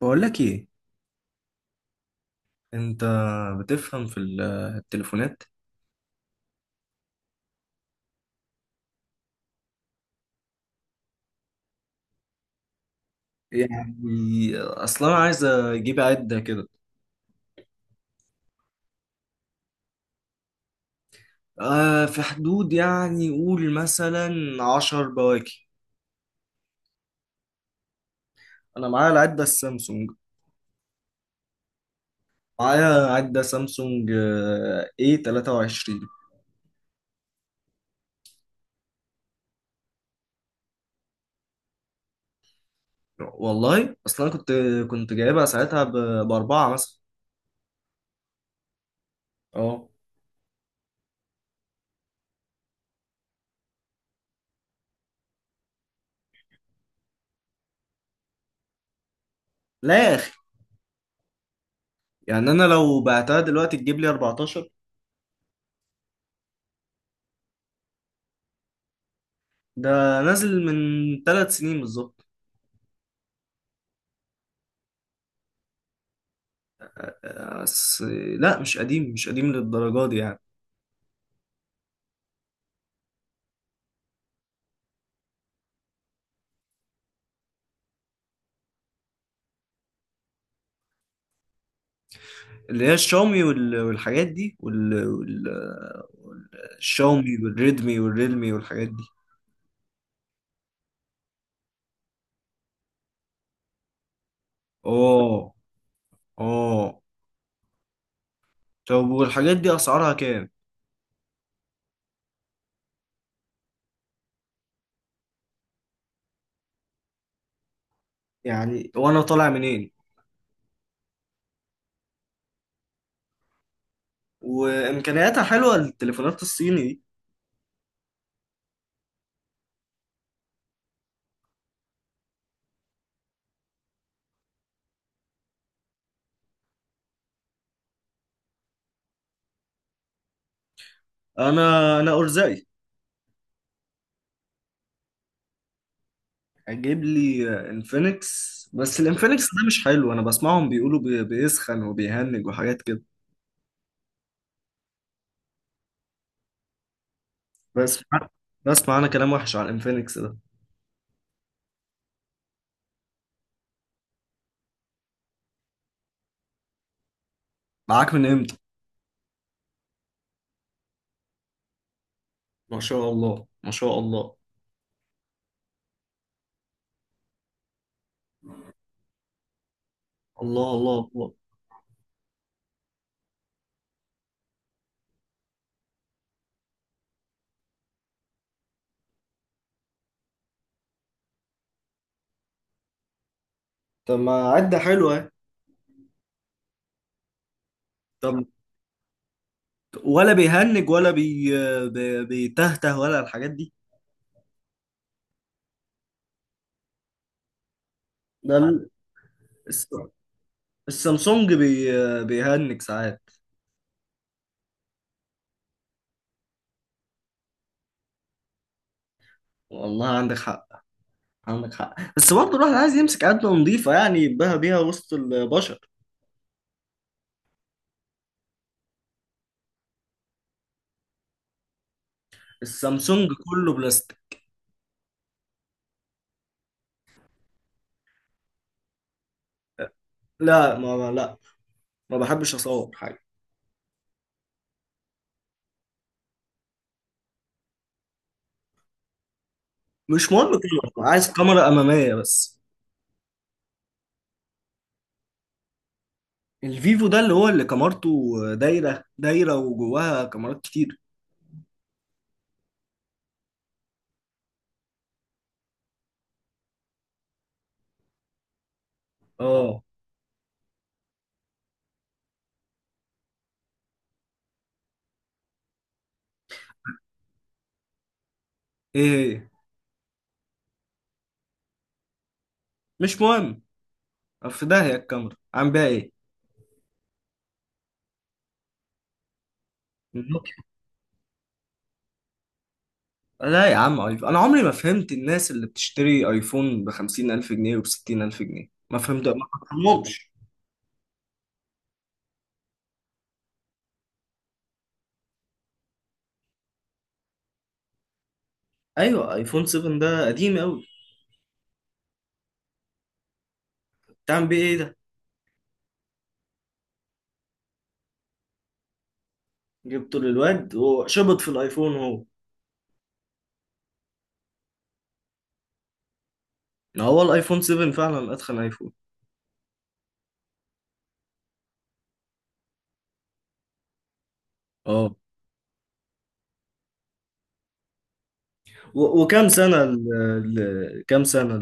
بقول لك ايه، انت بتفهم في التليفونات؟ يعني اصلا انا عايز اجيب عدة كده. آه، في حدود يعني قول مثلا 10 بواكي. انا معايا العدة السامسونج، معايا عدة سامسونج اي 23. والله اصلا أنا كنت جايبها ساعتها باربعة مثلا. اه. لا يا اخي، يعني انا لو بعتها دلوقتي تجيب لي 14. ده نازل من 3 سنين بالظبط. بس لا، مش قديم، مش قديم للدرجة دي يعني. اللي هي الشاومي والحاجات دي والشاومي والريدمي والريلمي والحاجات دي. اه. اه. طب والحاجات دي اسعارها كام؟ يعني وانا طالع منين؟ وامكانياتها حلوة التليفونات الصيني دي. انا ارزقي. اجيب لي انفينكس، بس الانفينكس ده مش حلو، انا بسمعهم بيقولوا بيسخن وبيهنج وحاجات كده. بس. بسمع انا كلام وحش على الانفينكس ده. معاك من امتى؟ ما شاء الله، ما شاء الله. الله، الله، الله. طب ما عدة حلوة اهي. طب، ولا بيهنج ولا بيتهته ولا الحاجات دي؟ ده الس- السامسونج بيهنج ساعات. والله عندك حق، عندك حق، بس برضه الواحد عايز يمسك عدة نظيفة يعني، يبقى بيها وسط البشر. السامسونج كله بلاستيك. لا، ما بحبش اصور حاجة. مش مهم كده، عايز كاميرا أمامية بس. الفيفو ده اللي هو اللي كاميرته دايرة دايرة وجواها كاميرات كتير. اه. ايه هي؟ مش مهم، في داهية الكاميرا، عم بيها ايه؟ النوكيا. لا يا عم، آيفون. انا عمري ما فهمت الناس اللي بتشتري ايفون بخمسين الف جنيه وبستين الف جنيه، ما فهمت، ما فهمهمش. ايوه، ايفون 7 ده قديم قوي. تعمل بيه ايه ده؟ جبته للواد وشبط في الايفون هو. ما هو الايفون 7 فعلا اتخن ايفون. اه. وكام سنة ال ال- كام سنة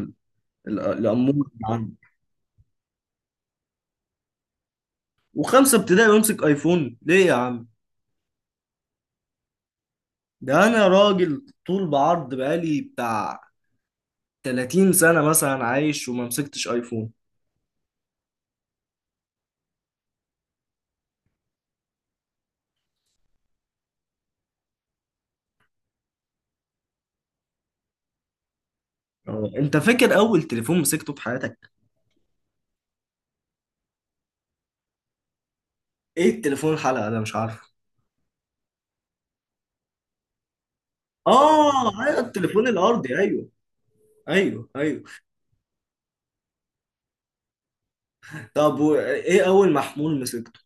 ال- الأمور اللي عنده؟ وخمسة ابتدائي وامسك ايفون ليه يا عم؟ ده انا راجل طول بعرض بقالي بتاع 30 سنة مثلا عايش وما مسكتش ايفون. اه، انت فاكر اول تليفون مسكته في حياتك؟ ايه التليفون الحلقة ده؟ مش عارفه. اه، ايوه، التليفون الارضي، ايوه، ايوه، ايوه. طب وايه اول محمول مسكته؟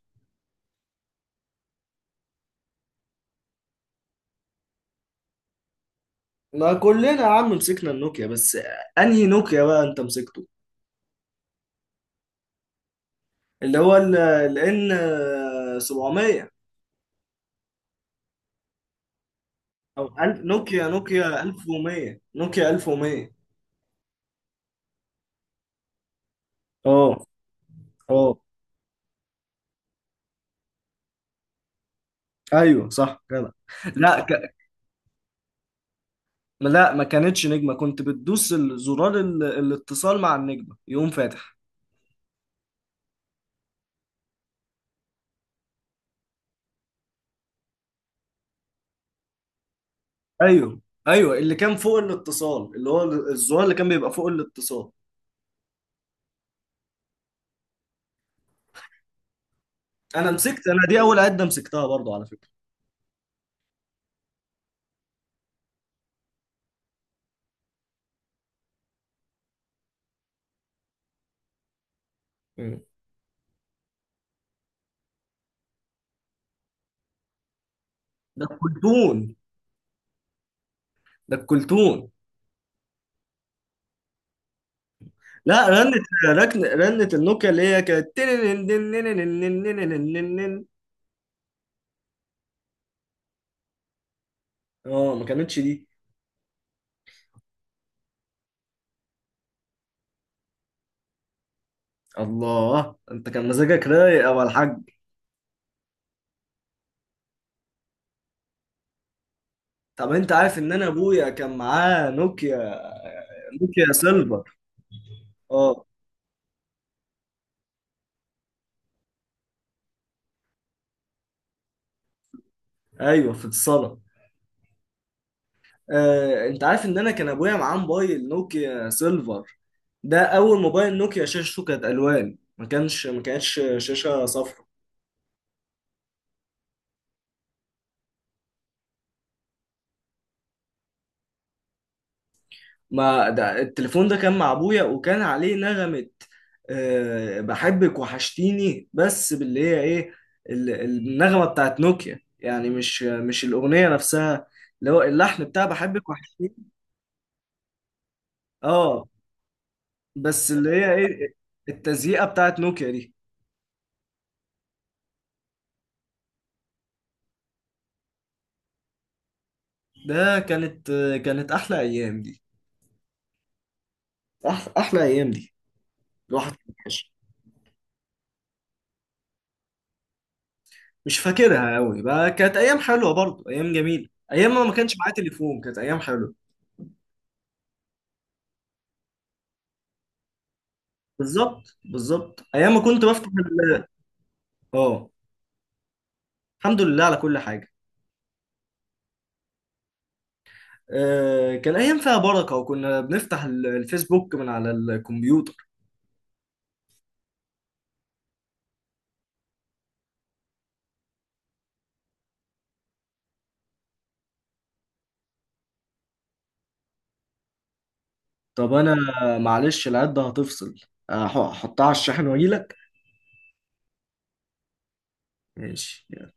ما كلنا يا عم مسكنا النوكيا، بس انهي نوكيا بقى انت مسكته؟ اللي هو الان 700، او نوكيا 1100، نوكيا 1100. اه. اه. ايوه، صح جدع. لا، ما كانتش نجمه، كنت بتدوس زرار الاتصال مع النجمه يقوم فاتح. ايوه، ايوه، اللي كان فوق الاتصال، اللي هو الزرار اللي كان بيبقى فوق الاتصال. انا مسكت، انا دي اول عده مسكتها برضو على فكره. مم. ده الكلتون، ده الكلتون. لا، رنت. ركن رنت النوكيا اللي هي كانت تننننننننننننننننن. اه، ما كانتش دي. الله، انت كان مزاجك رايق يا أبو الحاج. طب انت عارف ان انا ابويا كان معاه نوكيا، نوكيا سيلفر. اه، ايوه، في الصاله. انت عارف ان انا كان ابويا معاه موبايل نوكيا سيلفر؟ ده اول موبايل نوكيا شاشته كانت الوان، ما كانتش شاشه صفراء. ما ده التليفون ده كان مع ابويا وكان عليه نغمه، بحبك وحشتيني، بس باللي هي ايه؟ النغمه بتاعت نوكيا يعني، مش الاغنيه نفسها، اللي هو اللحن بتاع بحبك وحشتيني. اه. بس اللي هي ايه؟ التزييقه بتاعت نوكيا دي. ده كانت احلى ايام دي. احلى ايام دي. الواحد كان وحش. مش فاكرها قوي بقى، كانت ايام حلوه برضه، ايام جميله، ايام ما كانش معايا تليفون، كانت ايام حلوه. بالظبط، بالظبط، ايام ما كنت بفتح. اه. الحمد لله على كل حاجه. آه، كان ايام فيها بركه، وكنا بنفتح الفيسبوك من على الكمبيوتر. طب انا، معلش العده هتفصل، احطها على الشاحن واجي لك. ماشي.